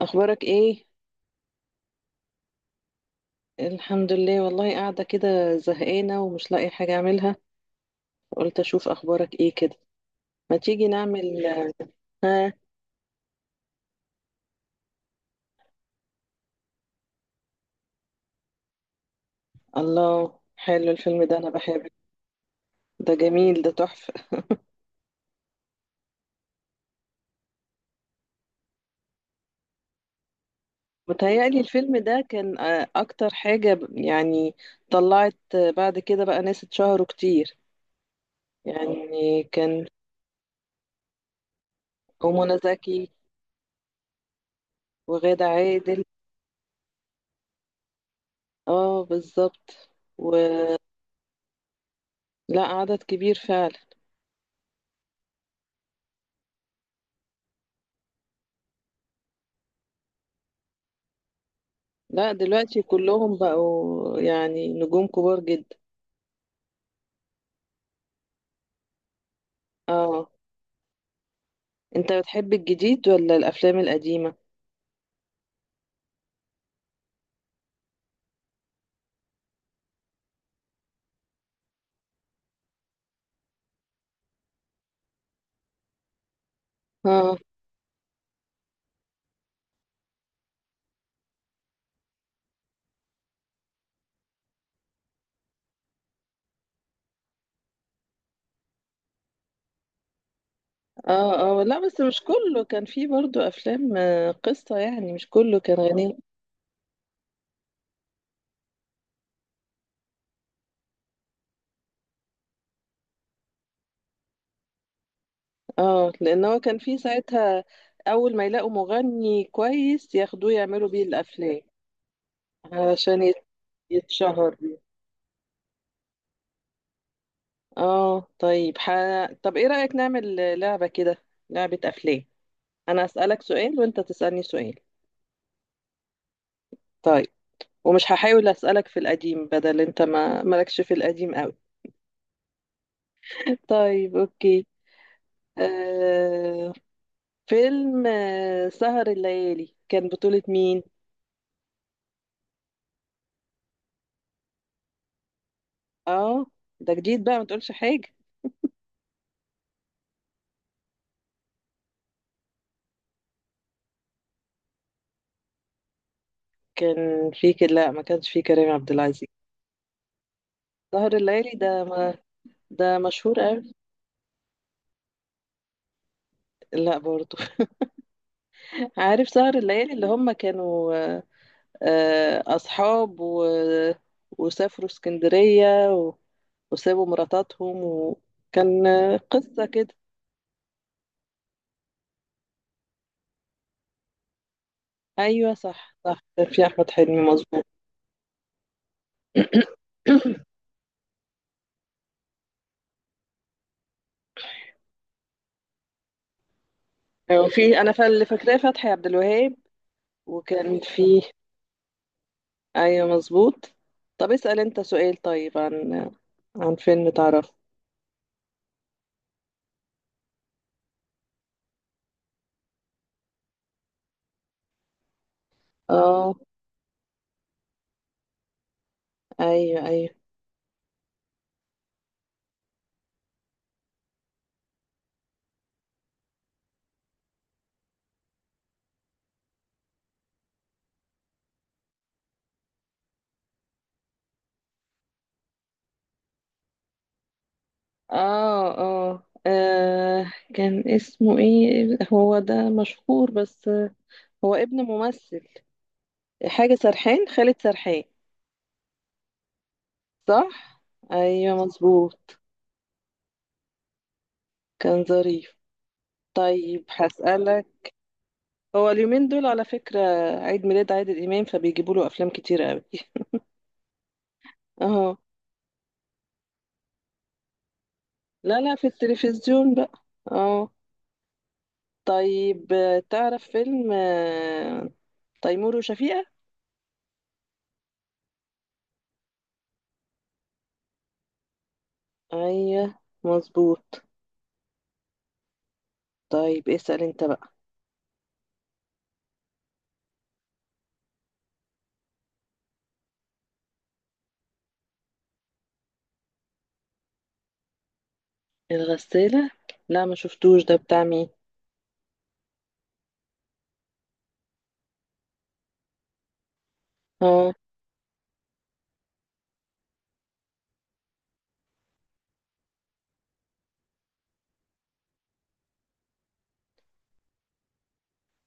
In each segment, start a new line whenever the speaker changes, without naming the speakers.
اخبارك ايه؟ الحمد لله، والله قاعده كده زهقانه ومش لاقي حاجه اعملها. قلت اشوف اخبارك ايه كده. ما تيجي نعمل. ها؟ الله، حلو الفيلم ده، انا بحبه. ده جميل، ده تحفه. متهيألي الفيلم ده كان اكتر حاجه يعني. طلعت بعد كده بقى ناس اتشهروا كتير. يعني كان. ومنى زكي. وغادة عادل. اه، بالظبط. ولا. عدد كبير فعلا. لا، دلوقتي كلهم بقوا يعني نجوم كبار جدا. اه. انت بتحب الجديد ولا الافلام القديمة؟ اه. اه. اه، لا بس مش كله كان فيه برضو افلام قصة، يعني مش كله كان غني. اه، لان هو كان فيه ساعتها. اول ما يلاقوا مغني كويس ياخدوه يعملوا بيه الافلام. علشان يتشهر بيه. اه، طيب طب ايه رأيك نعمل لعبة كده؟ لعبة افلام. انا اسألك سؤال وانت تسألني سؤال. طيب. ومش هحاول أسألك في القديم، بدل انت ما مالكش في القديم قوي. طيب، اوكي. آه فيلم سهر الليالي كان بطولة مين؟ اه. ده جديد بقى، ما تقولش حاجة. لا، ما كانش في كريم عبد العزيز. سهر الليالي ده ما، ده مشهور قوي. لا برضه. عارف سهر الليالي اللي هم كانوا اصحاب وسافروا اسكندرية وسابوا مراتاتهم، وكان قصة كده. ايوه، صح صح، كان في احمد حلمي، مظبوط. ايوه في، انا اللي فاكراه فتحي عبد الوهاب. وكان في. ايوه، مظبوط. طب اسأل انت سؤال، طيب، عن. عن فيلم تعرفه. اه. ايوه ايوه. اه اه. كان اسمه ايه هو ده؟ مشهور بس. هو ابن ممثل. حاجة سرحان، خالد سرحان. صح. ايوه، مظبوط. كان ظريف. طيب، هسألك. هو اليومين دول على فكرة عيد ميلاد عادل إمام، فبيجيبوا له أفلام كتير قوي. اه. لا لا، في التلفزيون بقى. اه. طيب، تعرف فيلم تيمور وشفيقة؟ أيوه. مظبوط. طيب، اسأل انت بقى. الغسالة. لا، ما شفتوش ده، بتاع مين؟ اه.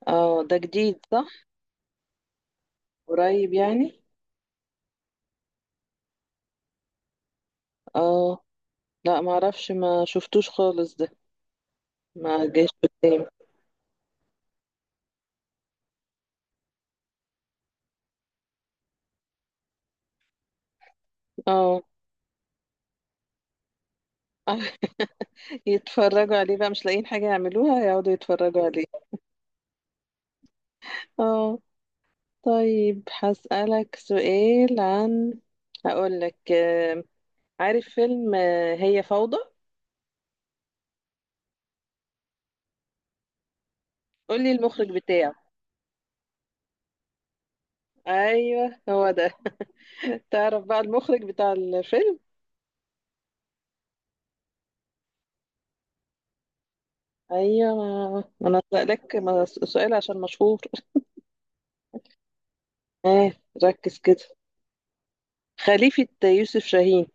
اه، ده جديد صح؟ قريب يعني. اه. لا، ما اعرفش، ما شفتوش خالص ده. ما جاش قدامي. اه. يتفرجوا عليه بقى، مش لاقيين حاجة يعملوها، يقعدوا يتفرجوا عليه. اه. طيب، هسألك سؤال عن. هقولك عارف فيلم هي فوضى؟ قولي المخرج بتاعه. ايوه، هو ده. تعرف بقى المخرج بتاع الفيلم؟ ايوه ما، انا سألك ما سؤال عشان مشهور. اه، ركز كده. خليفة يوسف شاهين.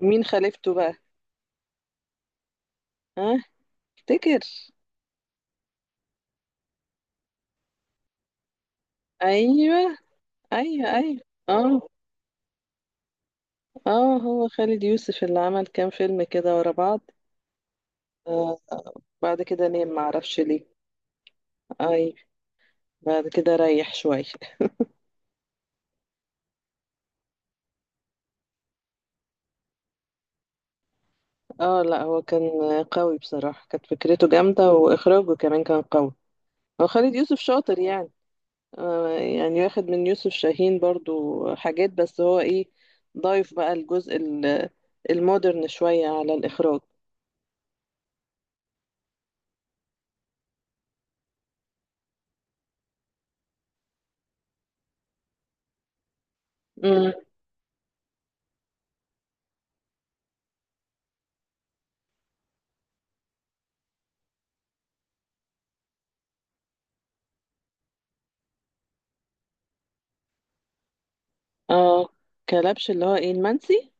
مين خليفته بقى؟ ها؟ افتكر. ايوه. ايوه ايوه. اه. اه، هو خالد يوسف اللي عمل كام فيلم كده ورا بعض. آه. بعد كده نام، معرفش ليه. اي. بعد كده ريح شوية. اه، لا هو كان قوي بصراحة، كانت فكرته جامدة، واخراجه كمان كان قوي. هو خالد يوسف شاطر يعني. آه، يعني واخد من يوسف شاهين برضو حاجات، بس هو ايه، ضايف بقى الجزء المودرن شوية على الاخراج. امم. اه، كلبش اللي هو ايه؟ المنسي.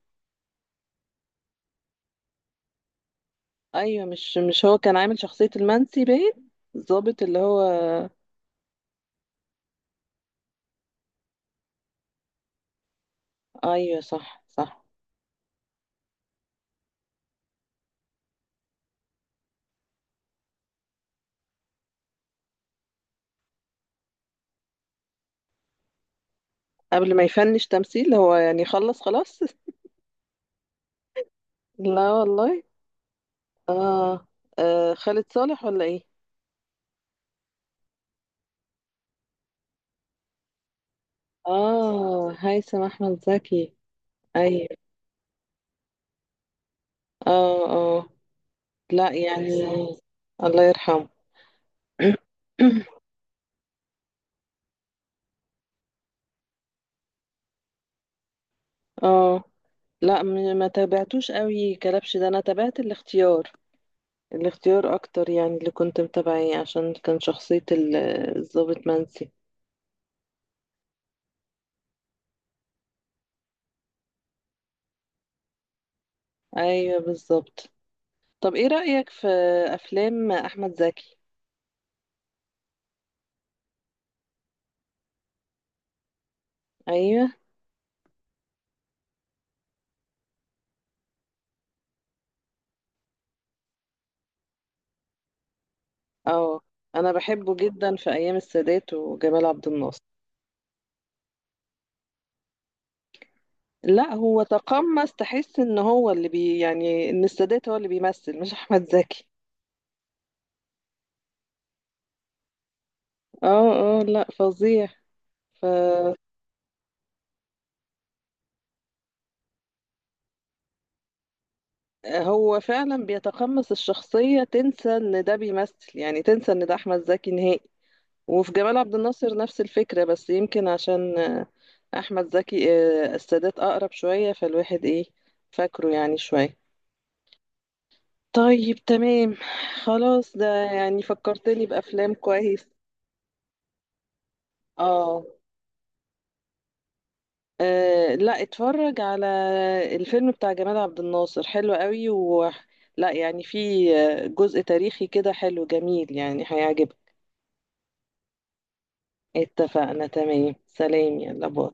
ايوه، مش هو كان عامل شخصية المنسي، باين. الضابط اللي هو. ايوه، صح صح. قبل ما يفنش تمثيل هو، يعني خلص خلاص. لا والله. آه. اه، خالد صالح ولا ايه؟ اه، هيثم احمد زكي. ايوه. اه. اه. لا يعني. الله يرحمه. اه. لا، ما تابعتوش قوي كلبش ده، انا تابعت الاختيار. الاختيار اكتر يعني اللي كنت متابعيه، عشان كان شخصية الضابط منسي. ايوه، بالظبط. طب ايه رأيك في افلام احمد زكي؟ ايوه. اه. انا بحبه جدا في ايام السادات وجمال عبد الناصر. لا، هو تقمص، تحس ان هو اللي يعني ان السادات هو اللي بيمثل، مش احمد زكي. اه اه، لا فظيع. فهو فعلا بيتقمص الشخصية، تنسى ان ده بيمثل، يعني تنسى ان ده احمد زكي نهائي. وفي جمال عبد الناصر نفس الفكرة، بس يمكن عشان أحمد زكي السادات أقرب شوية، فالواحد إيه، فاكره يعني شوية. طيب، تمام. خلاص، ده يعني فكرتني بأفلام كويس. آه لا، اتفرج على الفيلم بتاع جمال عبد الناصر، حلو قوي لا يعني، في جزء تاريخي كده حلو، جميل يعني، هيعجبك. اتفقنا، تمام، سلام، يلا باي.